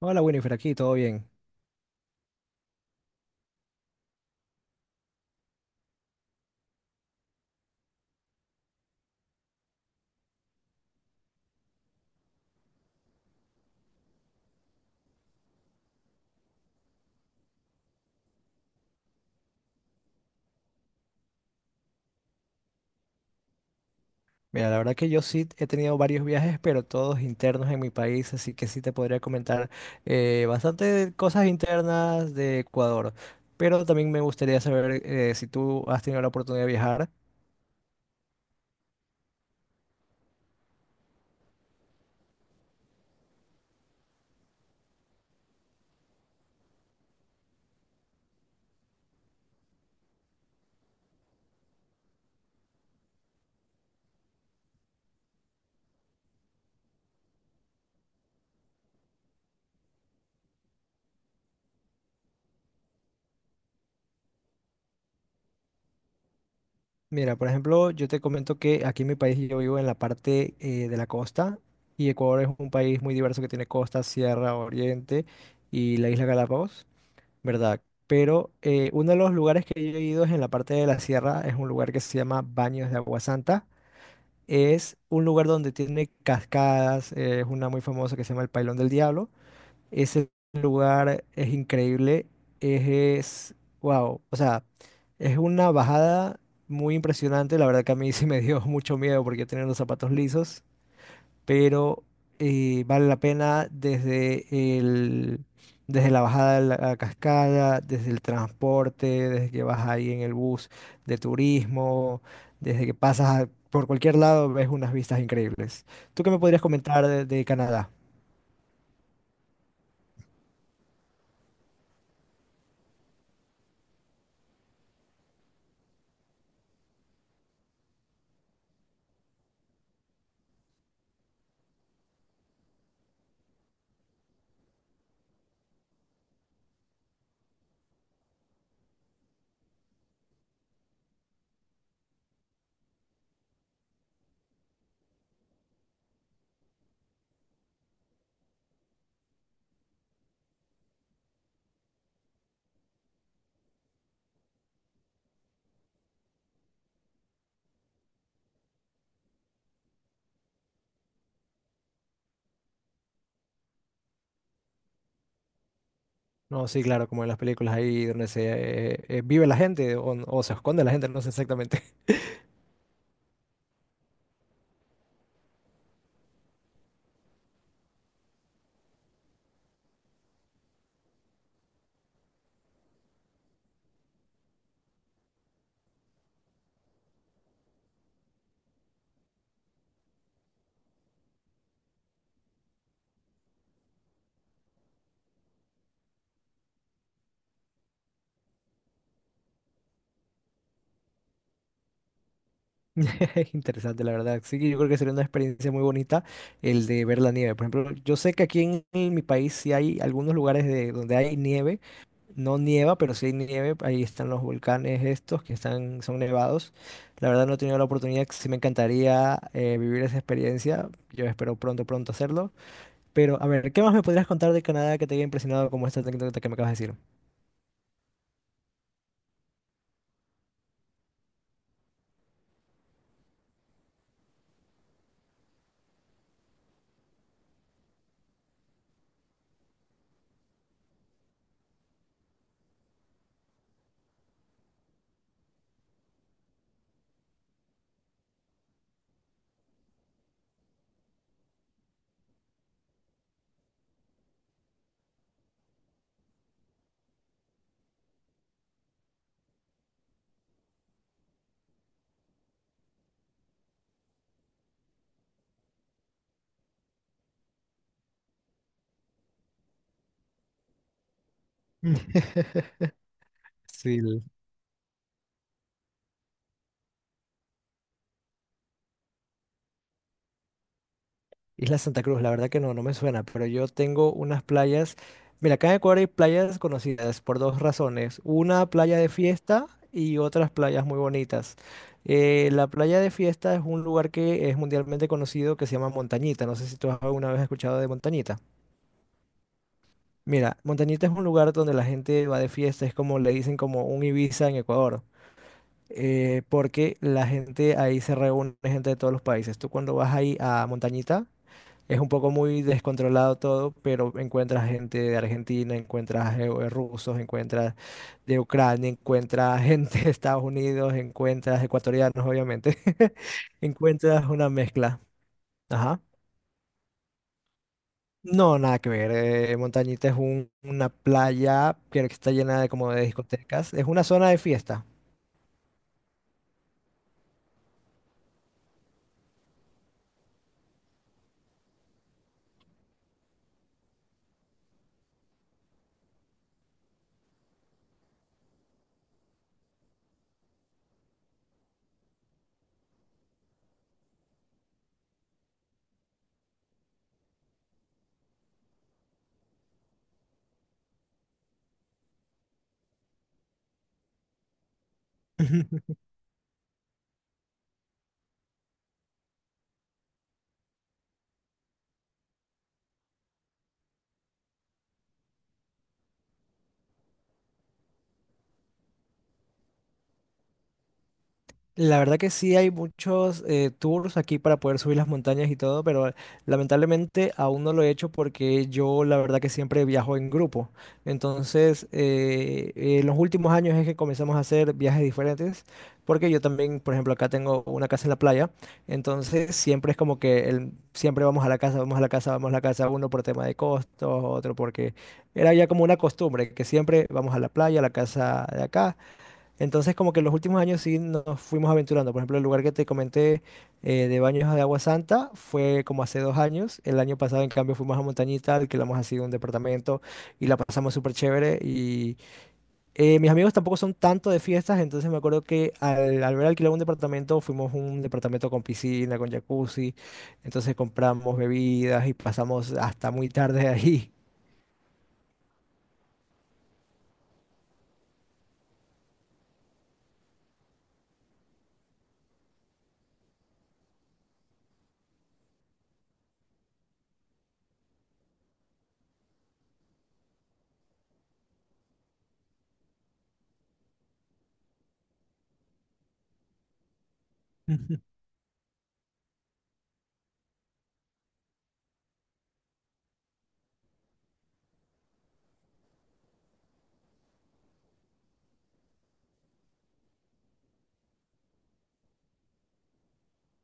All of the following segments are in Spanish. Hola Winifred, aquí todo bien. Mira, la verdad que yo sí he tenido varios viajes, pero todos internos en mi país, así que sí te podría comentar bastante cosas internas de Ecuador. Pero también me gustaría saber si tú has tenido la oportunidad de viajar. Mira, por ejemplo, yo te comento que aquí en mi país yo vivo en la parte de la costa y Ecuador es un país muy diverso que tiene costa, sierra, oriente y la isla Galápagos. ¿Verdad? Pero uno de los lugares que yo he ido es en la parte de la sierra, es un lugar que se llama Baños de Agua Santa. Es un lugar donde tiene cascadas, es una muy famosa que se llama el Pailón del Diablo. Ese lugar es increíble, es, wow, o sea, es una bajada muy impresionante. La verdad que a mí sí me dio mucho miedo porque tenía los zapatos lisos, pero vale la pena desde desde la bajada de la cascada, desde el transporte, desde que vas ahí en el bus de turismo, desde que por cualquier lado, ves unas vistas increíbles. ¿Tú qué me podrías comentar de Canadá? No, sí, claro, como en las películas ahí donde se vive la gente o se esconde la gente, no sé exactamente. Interesante, la verdad. Sí, yo creo que sería una experiencia muy bonita el de ver la nieve. Por ejemplo, yo sé que aquí en mi país sí hay algunos lugares de, donde hay nieve. No nieva, pero sí hay nieve. Ahí están los volcanes estos que están, son nevados. La verdad no he tenido la oportunidad. Sí me encantaría vivir esa experiencia. Yo espero pronto, pronto hacerlo. Pero, a ver, ¿qué más me podrías contar de Canadá que te haya impresionado como esta anécdota que me acabas de decir? Sí. Isla Santa Cruz, la verdad que no, no me suena, pero yo tengo unas playas. Mira, acá en Ecuador hay playas conocidas por dos razones. Una playa de fiesta y otras playas muy bonitas. La playa de fiesta es un lugar que es mundialmente conocido que se llama Montañita. No sé si tú has alguna vez escuchado de Montañita. Mira, Montañita es un lugar donde la gente va de fiesta, es como le dicen como un Ibiza en Ecuador. Porque la gente ahí se reúne, gente de todos los países. Tú cuando vas ahí a Montañita, es un poco muy descontrolado todo, pero encuentras gente de Argentina, encuentras rusos, encuentras de Ucrania, encuentras gente de Estados Unidos, encuentras ecuatorianos, obviamente. Encuentras una mezcla. Ajá. No, nada que ver. Montañita es una playa que está llena de como de discotecas. Es una zona de fiesta. La verdad que sí hay muchos tours aquí para poder subir las montañas y todo, pero lamentablemente aún no lo he hecho porque yo la verdad que siempre viajo en grupo. Entonces, en los últimos años es que comenzamos a hacer viajes diferentes, porque yo también, por ejemplo, acá tengo una casa en la playa, entonces siempre es como que siempre vamos a la casa, vamos a la casa, vamos a la casa, uno por tema de costos, otro porque era ya como una costumbre, que siempre vamos a la playa, a la casa de acá. Entonces, como que en los últimos años sí nos fuimos aventurando. Por ejemplo, el lugar que te comenté de baños de Agua Santa fue como hace dos años. El año pasado, en cambio, fuimos a Montañita, alquilamos así un departamento y la pasamos súper chévere. Y mis amigos tampoco son tanto de fiestas, entonces me acuerdo que al ver alquilar un departamento, fuimos a un departamento con piscina, con jacuzzi. Entonces compramos bebidas y pasamos hasta muy tarde ahí.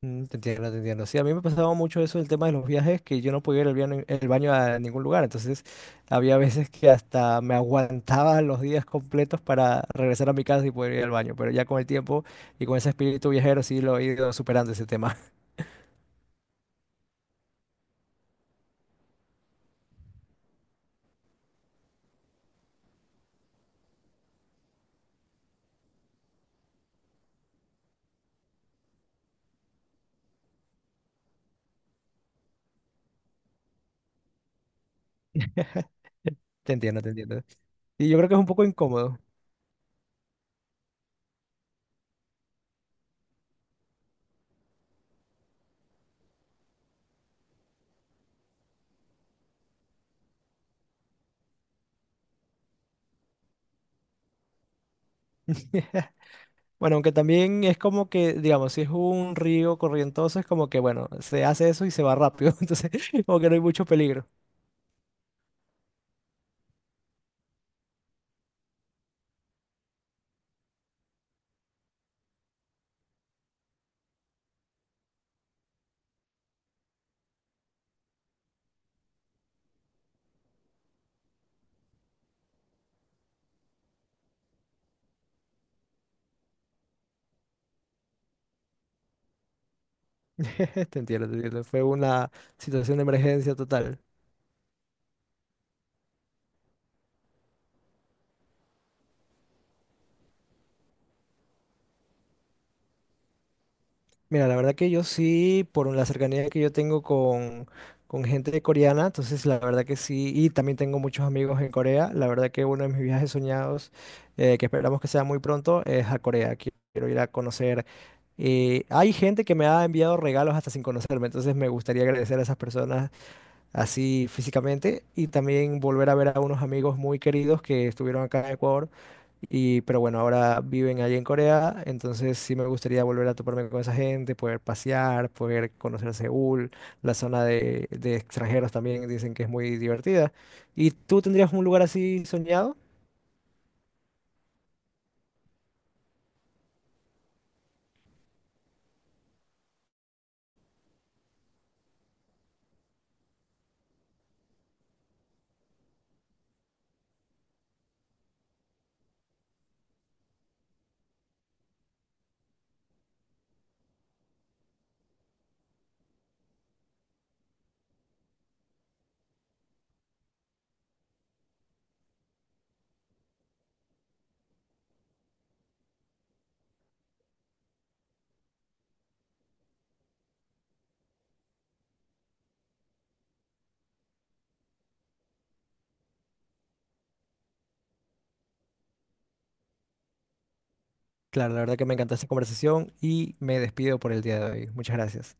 Mm, te entiendo, te entiendo. Sí, a mí me pasaba mucho eso el tema de los viajes, que yo no podía ir al baño, el baño a ningún lugar. Entonces, había veces que hasta me aguantaba los días completos para regresar a mi casa y poder ir al baño. Pero ya con el tiempo y con ese espíritu viajero, sí lo he ido superando ese tema. Te entiendo, te entiendo. Y yo creo que es un poco incómodo. Bueno, aunque también es como que, digamos, si es un río corrientoso, es como que, bueno, se hace eso y se va rápido. Entonces, como que no hay mucho peligro. Te entiendo, te entiendo. Fue una situación de emergencia total. Mira, la verdad que yo sí, por la cercanía que yo tengo con gente coreana, entonces la verdad que sí, y también tengo muchos amigos en Corea, la verdad que uno de mis viajes soñados, que esperamos que sea muy pronto, es a Corea. Quiero ir a conocer. Hay gente que me ha enviado regalos hasta sin conocerme, entonces me gustaría agradecer a esas personas así físicamente, y también volver a ver a unos amigos muy queridos que estuvieron acá en Ecuador, y, pero bueno, ahora viven allí en Corea, entonces sí me gustaría volver a toparme con esa gente, poder pasear, poder conocer Seúl, la zona de extranjeros también dicen que es muy divertida. ¿Y tú tendrías un lugar así soñado? Claro, la verdad que me encantó esta conversación y me despido por el día de hoy. Muchas gracias.